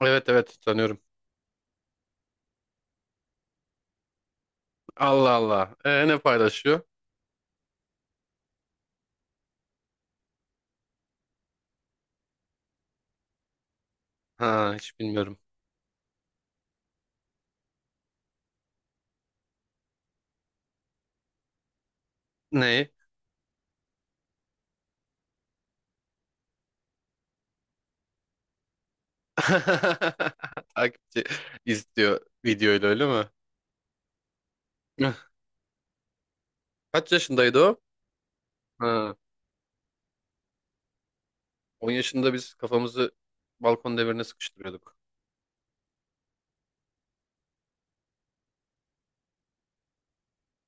Evet evet tanıyorum. Allah Allah. Ne paylaşıyor? Ha hiç bilmiyorum. Neyi? Takipçi istiyor videoyla öyle mi? Hıh. Kaç yaşındaydı o? Ha, 10 yaşında biz kafamızı balkon demirine sıkıştırıyorduk.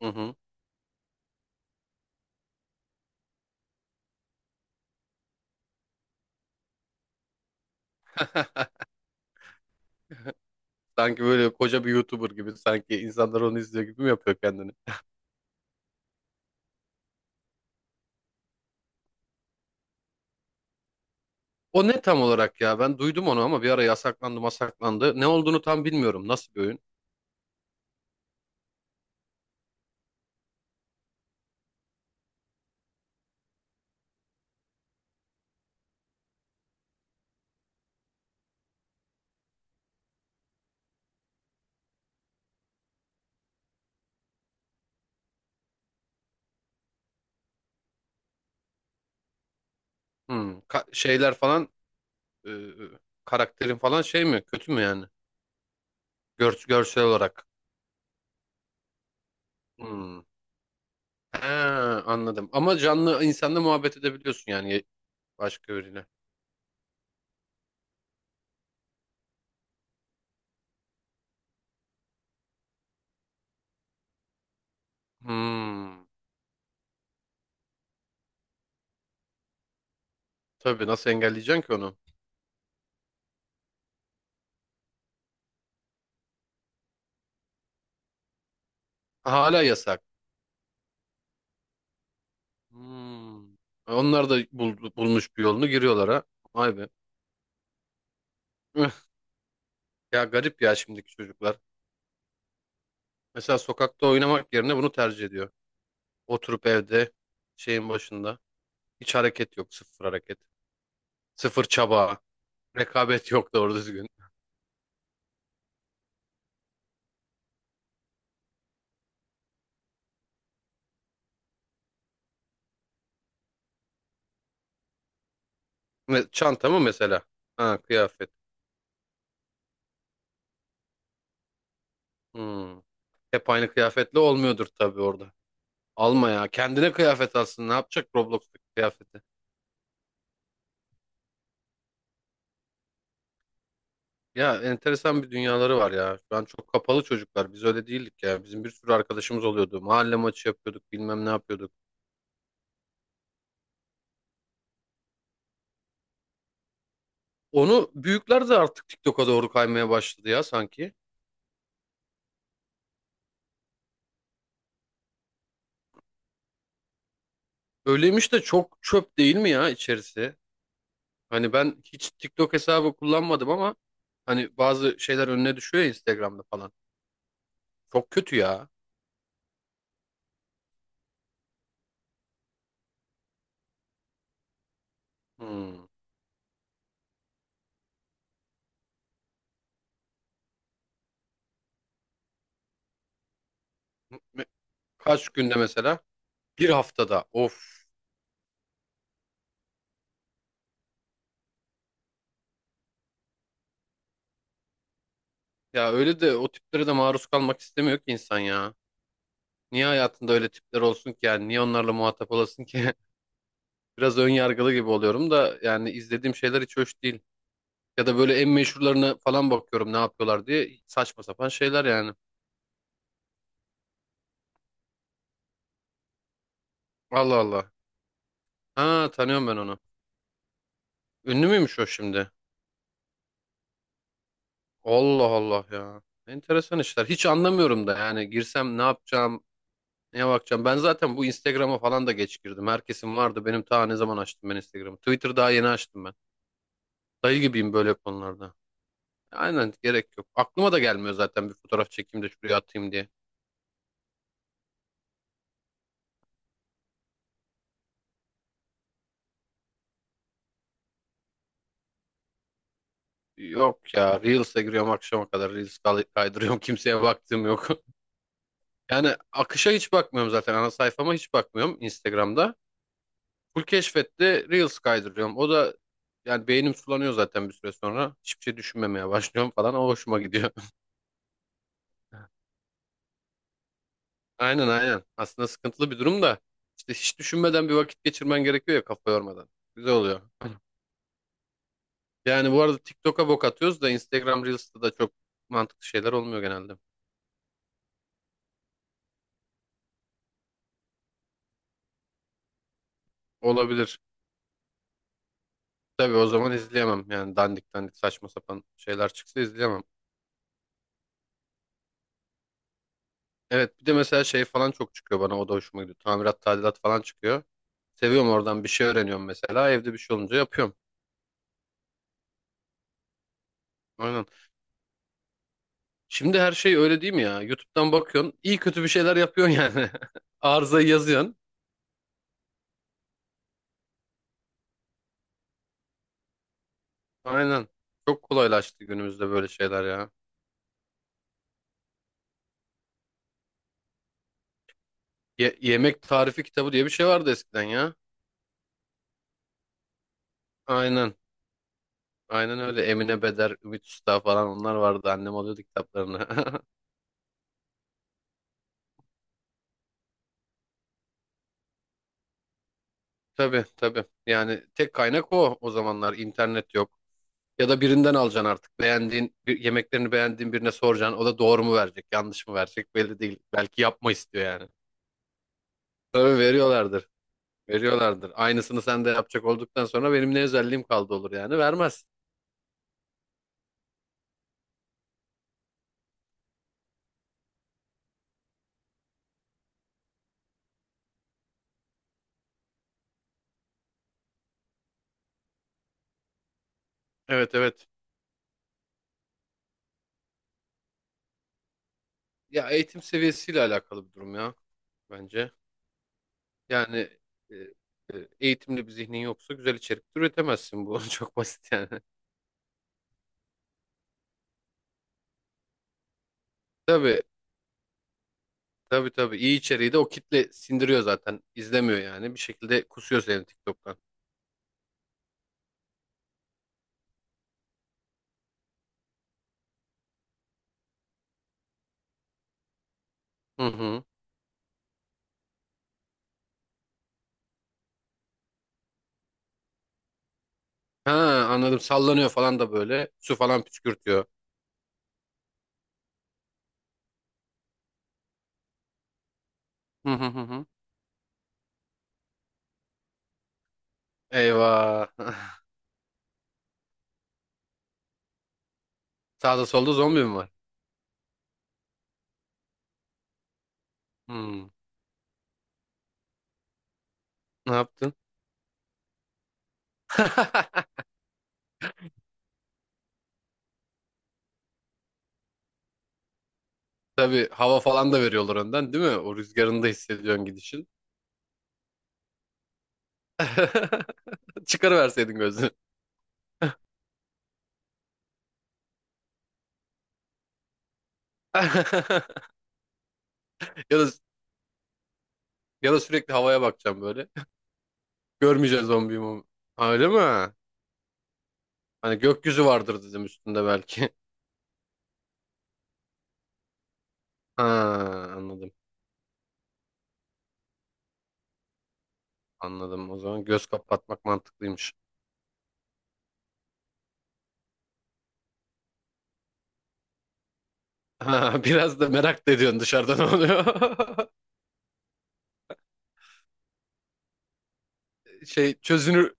Hı hı. Sanki böyle koca bir YouTuber gibi sanki insanlar onu izliyor gibi mi yapıyor kendini? O ne tam olarak ya? Ben duydum onu ama bir ara yasaklandı masaklandı. Ne olduğunu tam bilmiyorum. Nasıl bir oyun? Hmm. Şeyler falan e, karakterin falan şey mi? Kötü mü yani? Görsel olarak. Hmm. He, anladım. Ama canlı insanla muhabbet edebiliyorsun yani başka biriyle. Hmm. Tabii nasıl engelleyeceksin ki onu? Hala yasak. Hmm. Onlar da bulmuş bir yolunu giriyorlar ha. Vay be. Üh. Ya garip ya şimdiki çocuklar. Mesela sokakta oynamak yerine bunu tercih ediyor. Oturup evde şeyin başında. Hiç hareket yok. Sıfır hareket. Sıfır çaba. Rekabet yok doğru düzgün. Ve çanta mı mesela? Ha kıyafet. Hmm. Hep aynı kıyafetle olmuyordur tabii orada. Alma ya. Kendine kıyafet alsın. Ne yapacak Roblox'taki kıyafeti? Ya enteresan bir dünyaları var ya. Şu an çok kapalı çocuklar. Biz öyle değildik ya. Bizim bir sürü arkadaşımız oluyordu. Mahalle maçı yapıyorduk. Bilmem ne yapıyorduk. Onu büyükler de artık TikTok'a doğru kaymaya başladı ya sanki. Öyleymiş de çok çöp değil mi ya içerisi? Hani ben hiç TikTok hesabı kullanmadım ama hani bazı şeyler önüne düşüyor ya Instagram'da falan. Çok kötü ya. Hmm. Kaç günde mesela? Bir haftada of. Ya öyle de o tiplere de maruz kalmak istemiyor ki insan ya. Niye hayatında öyle tipler olsun ki yani? Niye onlarla muhatap olasın ki? Biraz ön yargılı gibi oluyorum da yani izlediğim şeyler hiç hoş değil. Ya da böyle en meşhurlarına falan bakıyorum ne yapıyorlar diye saçma sapan şeyler yani. Allah Allah. Ha tanıyorum ben onu. Ünlü müymüş o şimdi? Allah Allah ya. Enteresan işler. Hiç anlamıyorum da yani girsem ne yapacağım, neye bakacağım? Ben zaten bu Instagram'a falan da geç girdim. Herkesin vardı. Benim ta ne zaman açtım ben Instagram'ı. Twitter daha yeni açtım ben. Dayı gibiyim böyle konularda. Aynen gerek yok. Aklıma da gelmiyor zaten bir fotoğraf çekeyim de şuraya atayım diye. Yok ya Reels'e giriyorum akşama kadar Reels kaydırıyorum kimseye baktığım yok. Yani akışa hiç bakmıyorum zaten ana sayfama hiç bakmıyorum Instagram'da. Full keşfette Reels kaydırıyorum. O da yani beynim sulanıyor zaten bir süre sonra. Hiçbir şey düşünmemeye başlıyorum falan o hoşuma gidiyor. Aynen aynen. Aslında sıkıntılı bir durum da işte hiç düşünmeden bir vakit geçirmen gerekiyor ya kafa yormadan. Güzel oluyor. Yani bu arada TikTok'a bok atıyoruz da Instagram Reels'ta da çok mantıklı şeyler olmuyor genelde. Olabilir. Tabii o zaman izleyemem. Yani dandik dandik saçma sapan şeyler çıksa izleyemem. Evet bir de mesela şey falan çok çıkıyor bana o da hoşuma gidiyor. Tamirat tadilat falan çıkıyor. Seviyorum oradan bir şey öğreniyorum mesela. Evde bir şey olunca yapıyorum. Aynen. Şimdi her şey öyle değil mi ya? YouTube'dan bakıyorsun. İyi kötü bir şeyler yapıyorsun yani. Arızayı yazıyorsun. Aynen. Çok kolaylaştı günümüzde böyle şeyler ya. Yemek tarifi kitabı diye bir şey vardı eskiden ya. Aynen. Aynen öyle. Emine Beder, Ümit Usta falan onlar vardı. Annem alıyordu kitaplarını. Tabii tabii. Yani tek kaynak o zamanlar. İnternet yok. Ya da birinden alacaksın artık. Beğendiğin, bir, yemeklerini beğendiğin birine soracaksın. O da doğru mu verecek, yanlış mı verecek belli değil. Belki yapma istiyor yani. Tabii veriyorlardır. Veriyorlardır. Aynısını sen de yapacak olduktan sonra benim ne özelliğim kaldı olur yani. Vermez. Evet evet. Ya eğitim seviyesiyle alakalı bir durum ya bence. Yani e, eğitimli bir zihnin yoksa güzel içerik de üretemezsin bu. Çok basit yani. Tabii tabii iyi içeriği de o kitle sindiriyor zaten. İzlemiyor yani. Bir şekilde kusuyor seni TikTok'tan. Hı hı. Ha anladım. Sallanıyor falan da böyle. Su falan püskürtüyor. Hı hı hı. Hı. Eyvah. Sağda solda zombi mi var? Hmm. Ne yaptın? Tabii hava falan da veriyorlar önden değil mi? O rüzgarını da hissediyorsun gidişin. Çıkarıverseydin gözünü. Ya da Ya da sürekli havaya bakacağım böyle. Görmeyeceğiz zombiyi mi? Ha, öyle mi? Hani gökyüzü vardır dedim üstünde belki. Ha anladım. Anladım. O zaman göz kapatmak mantıklıymış. Ha, biraz da merak da ediyorsun dışarıda ne oluyor. Şey çözünür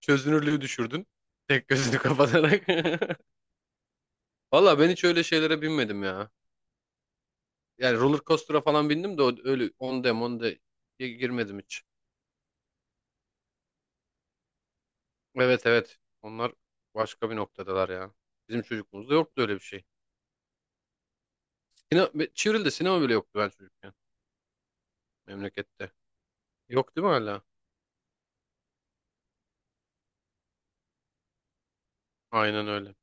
Çözünürlüğü düşürdün. Tek gözünü kapatarak. Valla ben hiç öyle şeylere binmedim ya. Yani roller coaster'a falan bindim de öyle on de girmedim hiç. Evet evet. Onlar başka bir noktadalar ya. Bizim çocukluğumuzda yoktu öyle bir şey. Sine Çivril'de sinema bile yoktu ben çocukken memlekette. Yok değil mi hala? Aynen öyle.